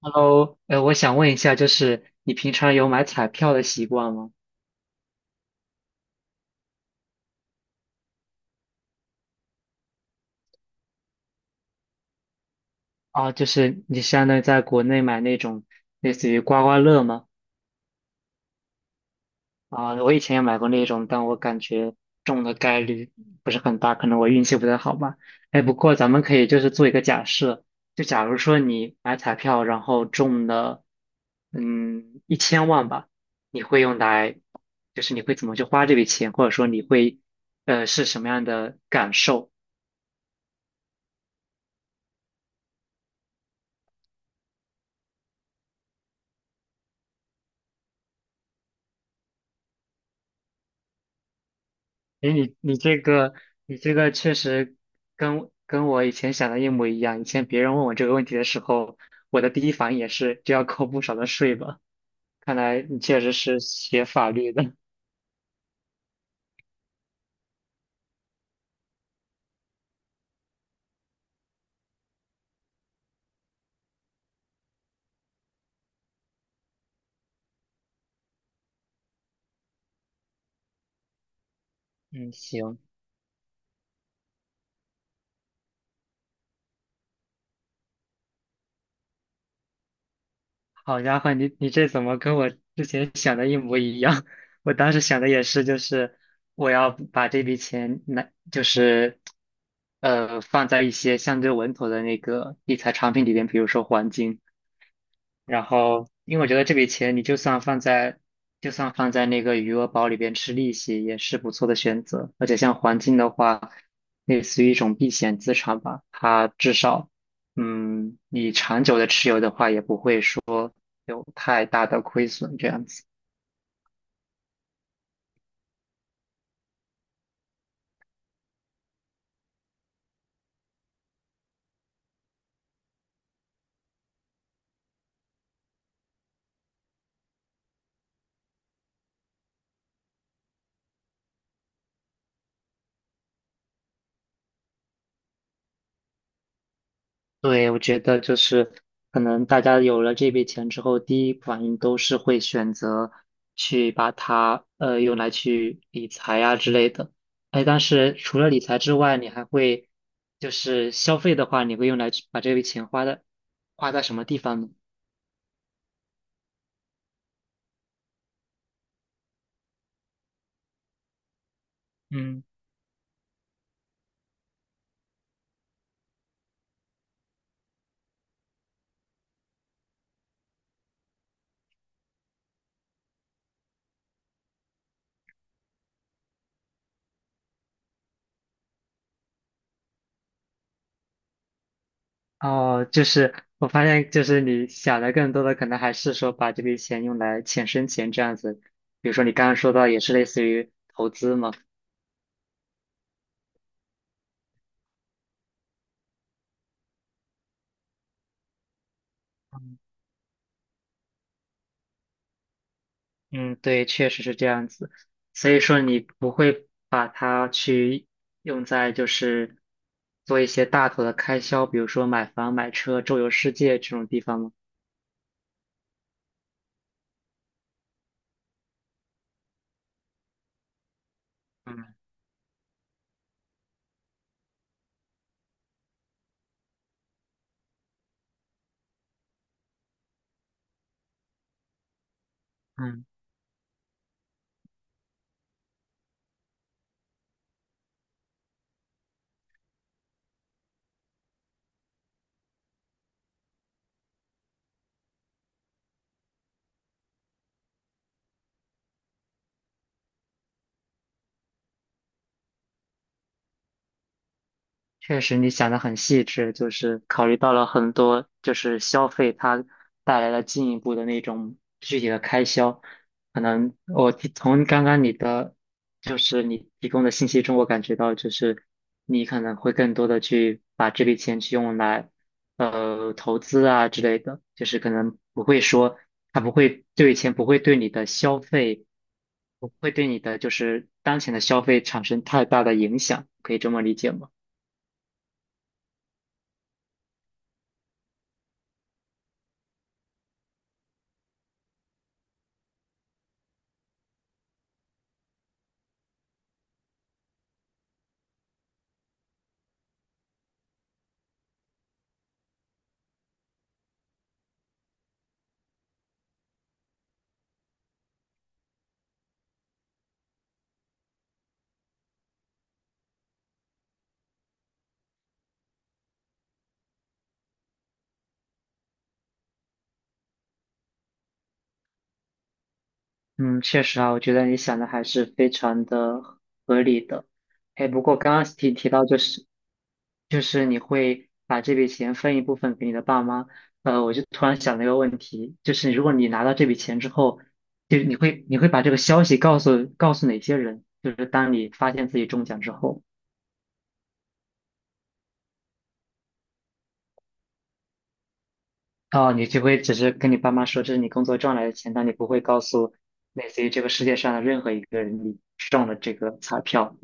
Hello，我想问一下，就是你平常有买彩票的习惯吗？啊，就是你相当于在国内买那种类似于刮刮乐吗？啊，我以前也买过那种，但我感觉中的概率不是很大，可能我运气不太好吧。哎，不过咱们可以就是做一个假设，就假如说你买彩票，然后中了，1000万吧，你会用来，就是你会怎么去花这笔钱，或者说你会，是什么样的感受？诶，你这个确实跟我以前想的一模一样。以前别人问我这个问题的时候，我的第一反应也是就要扣不少的税吧？看来你确实是学法律的。嗯，行，好家伙，你这怎么跟我之前想的一模一样？我当时想的也是，就是我要把这笔钱拿，就是放在一些相对稳妥的那个理财产品里边，比如说黄金。然后，因为我觉得这笔钱你就算放在那个余额宝里边吃利息，也是不错的选择。而且像黄金的话，类似于一种避险资产吧，它至少，你长久的持有的话，也不会说有太大的亏损这样子。对，我觉得就是可能大家有了这笔钱之后，第一反应都是会选择去把它用来去理财啊之类的。哎，但是除了理财之外，你还会就是消费的话，你会用来去把这笔钱花在什么地方呢？嗯，哦，就是我发现，就是你想的更多的可能还是说把这笔钱用来钱生钱这样子。比如说你刚刚说到也是类似于投资嘛。嗯，对，确实是这样子。所以说，你不会把它去用在就是做一些大头的开销，比如说买房、买车、周游世界这种地方吗？嗯嗯，确实，你想的很细致，就是考虑到了很多，就是消费它带来了进一步的那种具体的开销。可能我从刚刚你的，就是你提供的信息中，我感觉到就是你可能会更多的去把这笔钱去用来，投资啊之类的，就是可能不会说它不会这笔钱不会对你的消费，不会对你的就是当前的消费产生太大的影响，可以这么理解吗？嗯，确实啊，我觉得你想的还是非常的合理的。哎，不过刚刚提到就是你会把这笔钱分一部分给你的爸妈，我就突然想了一个问题，就是如果你拿到这笔钱之后，就是你会把这个消息告诉哪些人？就是当你发现自己中奖之后，哦，你就会只是跟你爸妈说这是你工作赚来的钱，但你不会告诉类似于这个世界上的任何一个人你中了这个彩票。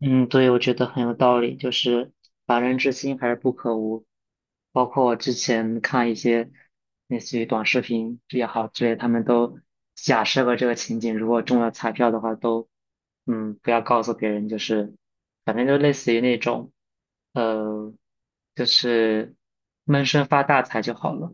嗯，对，我觉得很有道理，就是“防人之心还是不可无”。包括我之前看一些类似于短视频也好之类，他们都假设过这个情景，如果中了彩票的话，都不要告诉别人，就是反正就类似于那种呃，就是闷声发大财就好了。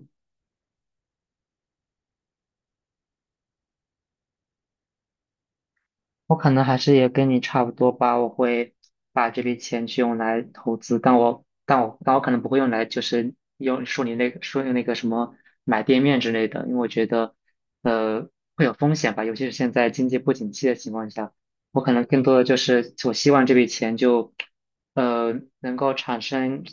我可能还是也跟你差不多吧，我会把这笔钱去用来投资，但我可能不会用来就是用说你那个什么买店面之类的，因为我觉得呃会有风险吧，尤其是现在经济不景气的情况下，我可能更多的就是我希望这笔钱就能够产生，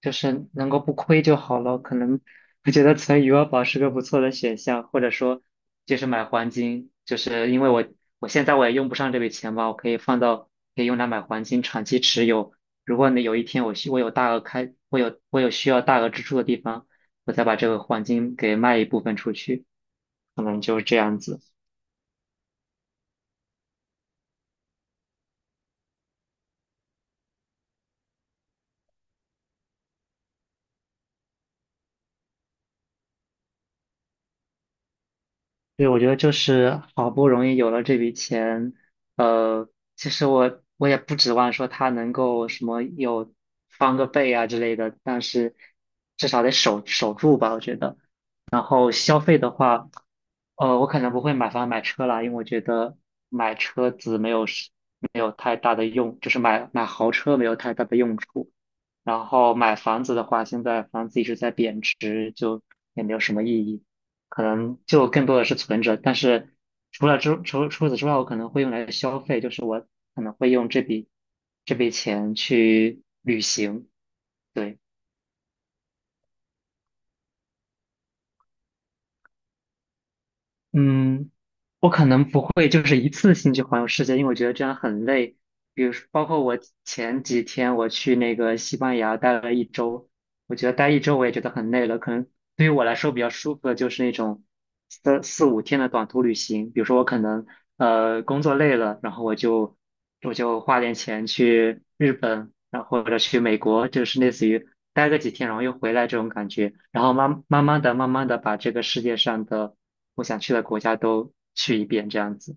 就是能够不亏就好了。可能我觉得存余额宝是个不错的选项，或者说就是买黄金，就是因为我现在我也用不上这笔钱吧，我可以放到，可以用来买黄金长期持有。如果你有一天我需我有大额开，我有我有需要大额支出的地方，我再把这个黄金给卖一部分出去，可能就是这样子。对，我觉得就是好不容易有了这笔钱，呃，其实我也不指望说他能够什么有翻个倍啊之类的，但是至少得守住吧，我觉得。然后消费的话，我可能不会买房买车啦，因为我觉得买车子没有太大的用，就是买豪车没有太大的用处。然后买房子的话，现在房子一直在贬值，就也没有什么意义，可能就更多的是存着。但是除此之外，我可能会用来消费，就是我可能会用这笔钱去旅行。对。嗯，我可能不会就是一次性去环游世界，因为我觉得这样很累。比如说，包括前几天我去那个西班牙待了一周，我觉得待一周我也觉得很累了。可能对于我来说比较舒服的就是那种四五天的短途旅行。比如说，我可能工作累了，然后我就花点钱去日本，然后或者去美国，就是类似于待个几天，然后又回来这种感觉，然后慢慢的把这个世界上的我想去的国家都去一遍，这样子。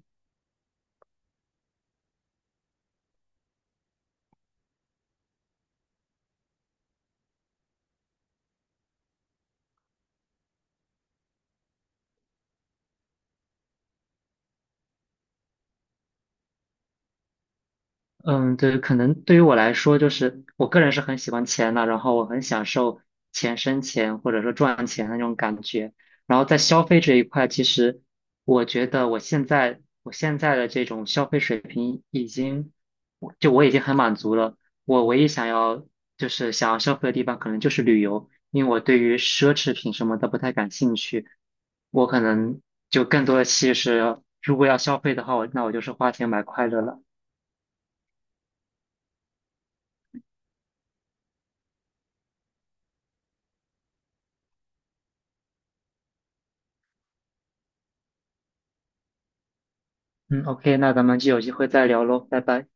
嗯，对，可能对于我来说，就是我个人是很喜欢钱的，然后我很享受钱生钱或者说赚钱的那种感觉。然后在消费这一块，其实我觉得我现在的这种消费水平已经，我已经很满足了。我唯一想要消费的地方，可能就是旅游，因为我对于奢侈品什么的不太感兴趣。我可能就更多的其实，如果要消费的话，那我就是花钱买快乐了。嗯，OK，那咱们就有机会再聊喽，拜拜。